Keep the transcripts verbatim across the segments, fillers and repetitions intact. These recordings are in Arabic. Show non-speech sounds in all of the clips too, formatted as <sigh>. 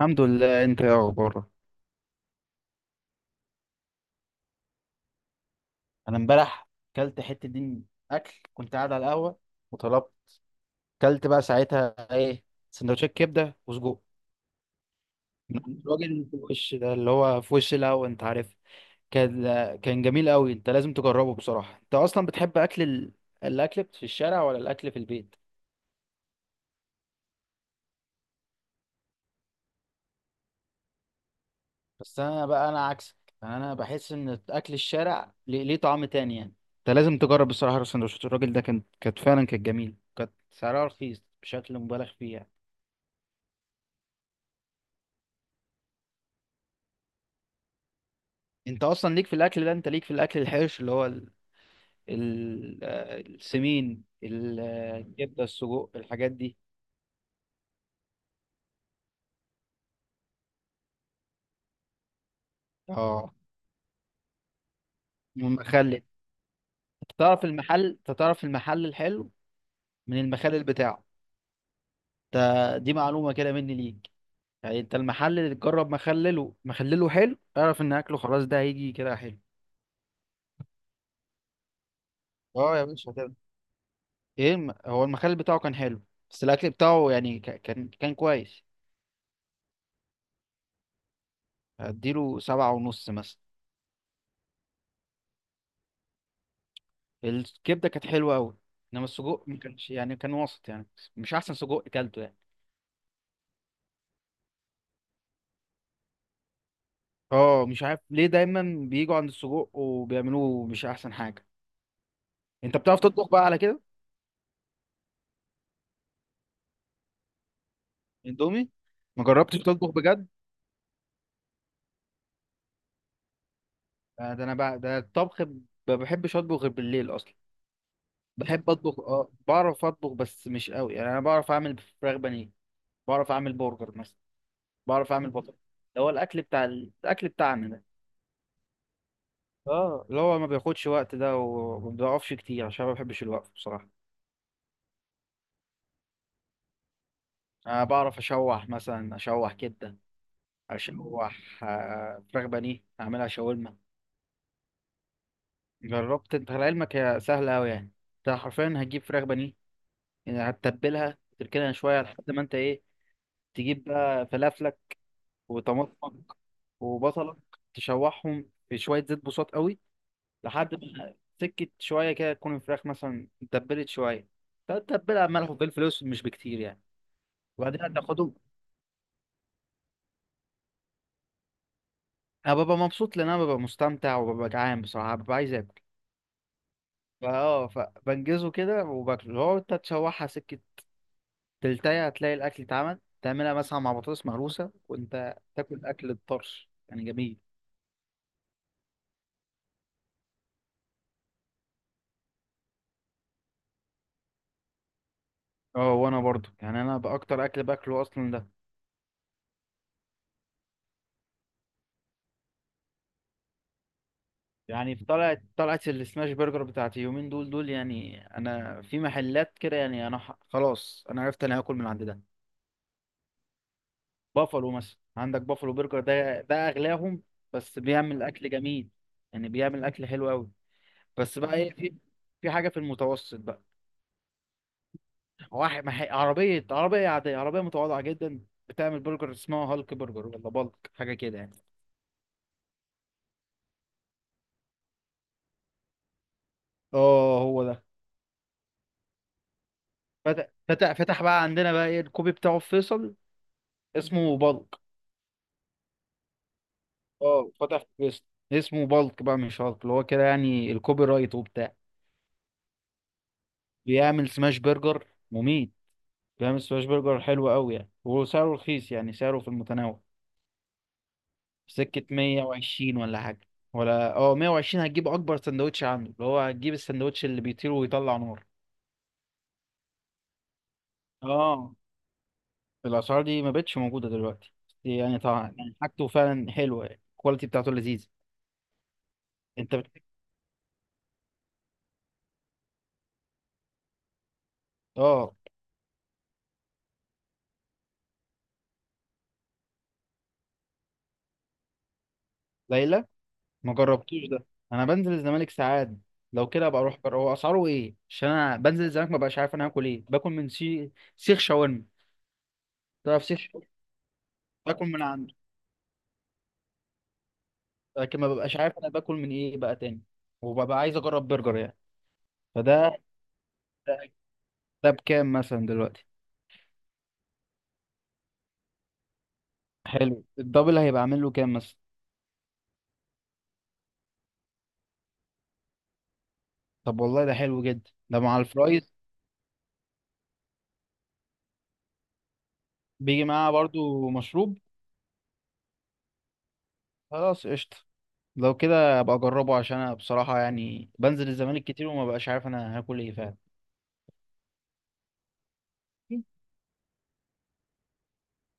الحمد لله، انت يا اخبارك؟ انا امبارح كلت حته دين اكل، كنت قاعد على القهوه وطلبت. كلت بقى ساعتها ايه؟ سندوتشات كبده وسجق من الراجل اللي في وش ده اللي هو في وش القهوه، انت عارف. كان كان جميل قوي. انت لازم تجربه بصراحه. انت اصلا بتحب اكل ال... الاكل في الشارع ولا الاكل في البيت؟ بس انا بقى انا عكسك. انا بحس ان اكل الشارع ليه ليه طعم تاني يعني. انت لازم تجرب بصراحه. السندوتشات الراجل ده كانت كانت فعلا كانت جميله، كانت سعرها رخيص بشكل مبالغ فيه يعني. انت اصلا ليك في الاكل ده، انت ليك في الاكل الحرش اللي هو ال... ال... آه، السمين ال- آه، الكبده، السجق، الحاجات دي. اه، والمخلل. انت تعرف المحل، انت تعرف المحل الحلو من المخلل بتاعه. ده دي معلومه كده مني ليك. يعني انت المحل اللي تجرب مخلله مخلله حلو، اعرف ان اكله خلاص ده هيجي كده حلو. اه يا باشا كده. ايه الم- هو المخلل بتاعه كان حلو، بس الاكل بتاعه يعني ك- كان كان كويس. هديله سبعة ونص مثلا. الكبده كانت حلوه قوي، انما السجق ما كانش يعني كان وسط يعني، مش احسن سجق اكلته يعني. اه، مش عارف ليه دايما بيجوا عند السجق وبيعملوه مش احسن حاجه. انت بتعرف تطبخ بقى على كده. اندومي. ما جربتش تطبخ بجد. آه، ده انا بقى ده الطبخ ب- ما بحبش اطبخ غير بالليل اصلا. بحب اطبخ، اه، بعرف اطبخ بس مش قوي يعني. انا بعرف اعمل فراخ بانيه. بعرف اعمل برجر مثلا. بعرف اعمل بطاطا. ده هو الاكل بتاع الاكل بتاعنا ده. اه، اللي هو ما بياخدش وقت ده وما بيقفش كتير عشان ما بحبش الوقف بصراحة. انا بعرف اشوح مثلا، اشوح كده. اشوح آه، فراخ بانيه اعملها شاورما. جربت انت لعلمك هي سهلة اوي يعني. انت حرفيا هتجيب فراخ بانيه يعني، هتتبلها تركنها شوية لحد ما انت ايه. تجيب بقى فلافلك وطماطمك وبصلك. تشوحهم في شوية زيت بسيط قوي لحد ما سكت شوية كده، تكون الفراخ مثلا اتبلت شوية. تتبلها ملح وفلفل اسود مش بكتير يعني. وبعدين هتاخدهم. انا ببقى مبسوط لان انا ببقى مستمتع وببقى جعان بصراحه، ببقى عايز اكل. فاه فبنجزه كده وباكله. لو انت تشوحها سكه تلتايه هتلاقي الاكل اتعمل. تعملها مثلا مع بطاطس مهروسه وانت تاكل اكل الطرش يعني جميل. اه، وانا برضو يعني انا باكتر اكل باكله اصلا ده. يعني في طلعت طلعت السماش برجر بتاعتي يومين دول دول يعني. انا في محلات كده يعني انا ح- خلاص انا عرفت انا هاكل من عند ده. بافلو مثلا، عندك بافلو برجر ده ده اغلاهم، بس بيعمل اكل جميل يعني، بيعمل اكل حلو قوي. بس بقى ايه، في في حاجه في المتوسط بقى. واحد مح... عربيه عربيه عاديه عربيه متواضعه جدا بتعمل برجر، اسمها هالك برجر ولا بالك حاجه كده يعني. اه هو ده. فتح فتح فتح بقى عندنا بقى ايه الكوبي بتاعه في فيصل. اسمه بالك. اه فتح في فيصل. اسمه بالك بقى، مش هالك، اللي هو كده يعني الكوبي رايت وبتاع. بيعمل سماش برجر مميت، جامد. سماش برجر حلو قوي يعني، وسعره رخيص يعني، سعره في المتناول. سكة مية وعشرين ولا حاجة، ولا اه مية وعشرين هتجيب أكبر سندوتش عنده، اللي هو هتجيب السندوتش اللي بيطير ويطلع نار. اه، الأسعار دي ما بقتش موجودة دلوقتي. دي يعني طبعا يعني حاجته فعلا حلوة يعني، الكواليتي بتاعته لذيذة. أنت بت... اه. ليلى. ما جربتوش ده. أنا بنزل الزمالك ساعات. لو كده ابقى اروح جرب. هو اسعاره ايه؟ عشان انا بنزل الزمالك ما بقاش عارف انا هاكل ايه، باكل من سي... سيخ شاورما. تعرف سيخ شاورما، باكل من عنده. لكن ما ببقاش عارف انا باكل من ايه بقى تاني، وببقى عايز اجرب برجر يعني. فده. ده, ده بكام مثلا دلوقتي؟ حلو، الدبل هيبقى عامل له كام مثلا؟ طب والله ده حلو جدا ده، مع الفرايز. بيجي معاه برضو مشروب؟ خلاص قشطة. لو كده ابقى اجربه عشان انا بصراحة يعني بنزل الزمالك كتير وما بقاش عارف انا هاكل ايه فعلا.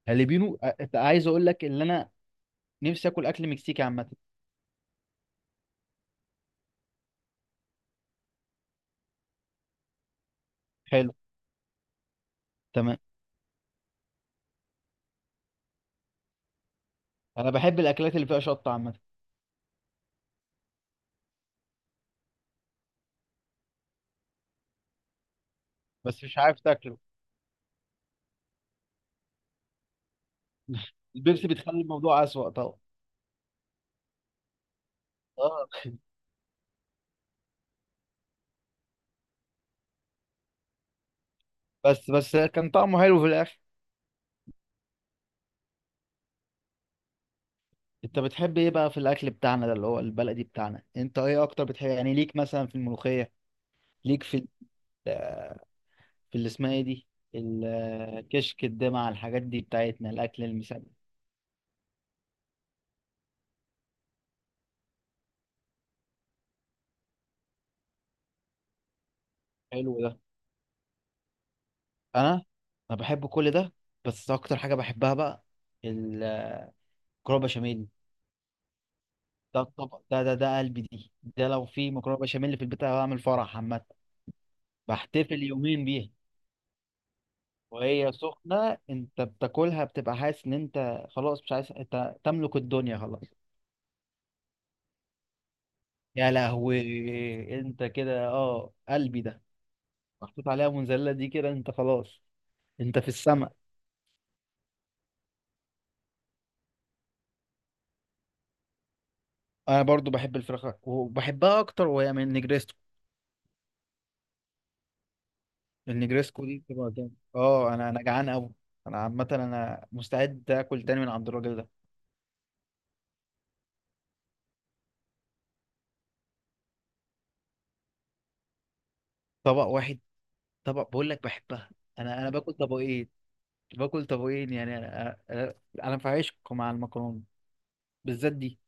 هالبينو أ- عايز اقول لك ان انا نفسي اكل اكل مكسيكي عامة. حلو. تمام. انا بحب الاكلات اللي فيها شطة عامة. بس مش عارف تاكله. <laughs> البيبسي بتخلي الموضوع اسوأ. اه. بس بس كان طعمه حلو في الاخر. انت بتحب ايه بقى في الاكل بتاعنا ده، اللي هو البلدي بتاعنا؟ انت ايه اكتر بتحب يعني؟ ليك مثلا في الملوخيه، ليك في ال- في اللي اسمها ايه دي، الكشك، الدمع، الحاجات دي بتاعتنا، الاكل المسلي. حلو ده. انا انا بحب كل ده، بس اكتر حاجه بحبها بقى المكرونه بشاميل. ده الطبق ده ده ده قلبي دي. ده لو في مكرونه بشاميل في البيت أنا بعمل فرح عامه. بحتفل يومين بيها. وهي سخنة انت بتاكلها بتبقى حاسس ان انت خلاص مش عايز، انت تملك الدنيا خلاص. يا لهوي. انت كده اه قلبي ده، محطوط عليها منزلة دي كده انت خلاص، انت في السماء. انا برضو بحب الفراخ وبحبها اكتر، وهي من النجريسكو. النجريسكو دي بتبقى جامد. اه انا انا جعان قوي. انا عامة انا مستعد اكل تاني من عند الراجل ده. طبق واحد، طبق بقول لك بحبها. انا انا باكل طبقين. باكل طبقين يعني انا انا أنا في عشق مع المكرونة بالذات دي.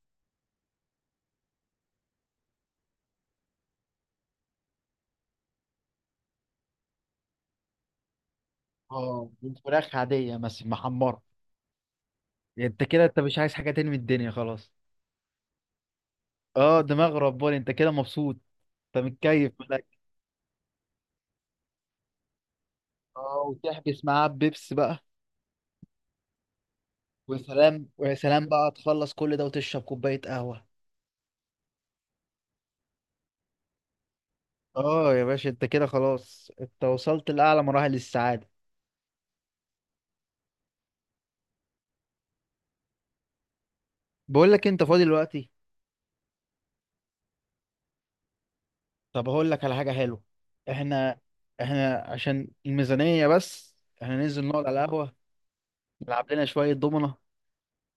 اه، فراخ عادية بس محمرة. يعني انت كده انت مش عايز حاجة تاني من الدنيا خلاص. اه دماغ رباني، انت كده مبسوط. انت متكيف ملك. اه، وتحبس معاه بيبس بقى. وسلام. ويا سلام بقى، تخلص كل ده وتشرب كوباية قهوة. اه يا باشا، انت كده خلاص انت وصلت لأعلى مراحل السعادة. بقول لك انت فاضي دلوقتي؟ طب هقول لك على حاجة حلوة. احنا احنا عشان الميزانية بس، احنا ننزل نقعد على القهوة. نلعب لنا شوية دومنة.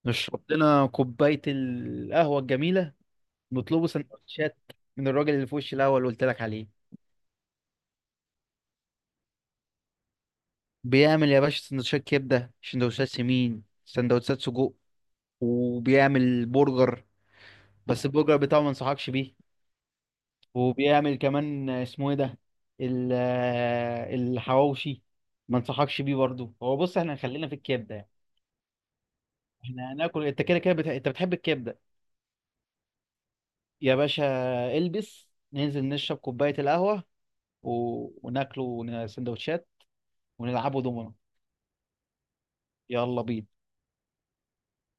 نشرب لنا كوباية القهوة الجميلة. بيطلبوا سندوتشات من الراجل اللي في وشي الاول اللي قلت لك عليه. بيعمل يا باشا سندوتشات كبده، سندوتشات سمين، سندوتشات سجق. وبيعمل برجر، بس البرجر بتاعه ما انصحكش بيه. وبيعمل كمان اسمه ايه ده، ال- الحواوشي. ما انصحكش بيه برضه. هو بص، احنا خلينا في الكبده يعني. احنا هناكل انت كده كده بت... انت بتحب الكبده. يا باشا، البس ننزل نشرب كوبايه القهوه و... وناكله سندوتشات ونلعبوا دومنا. يلا بينا.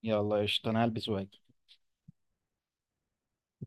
يلا قشطة أنا هلبس وهاجي.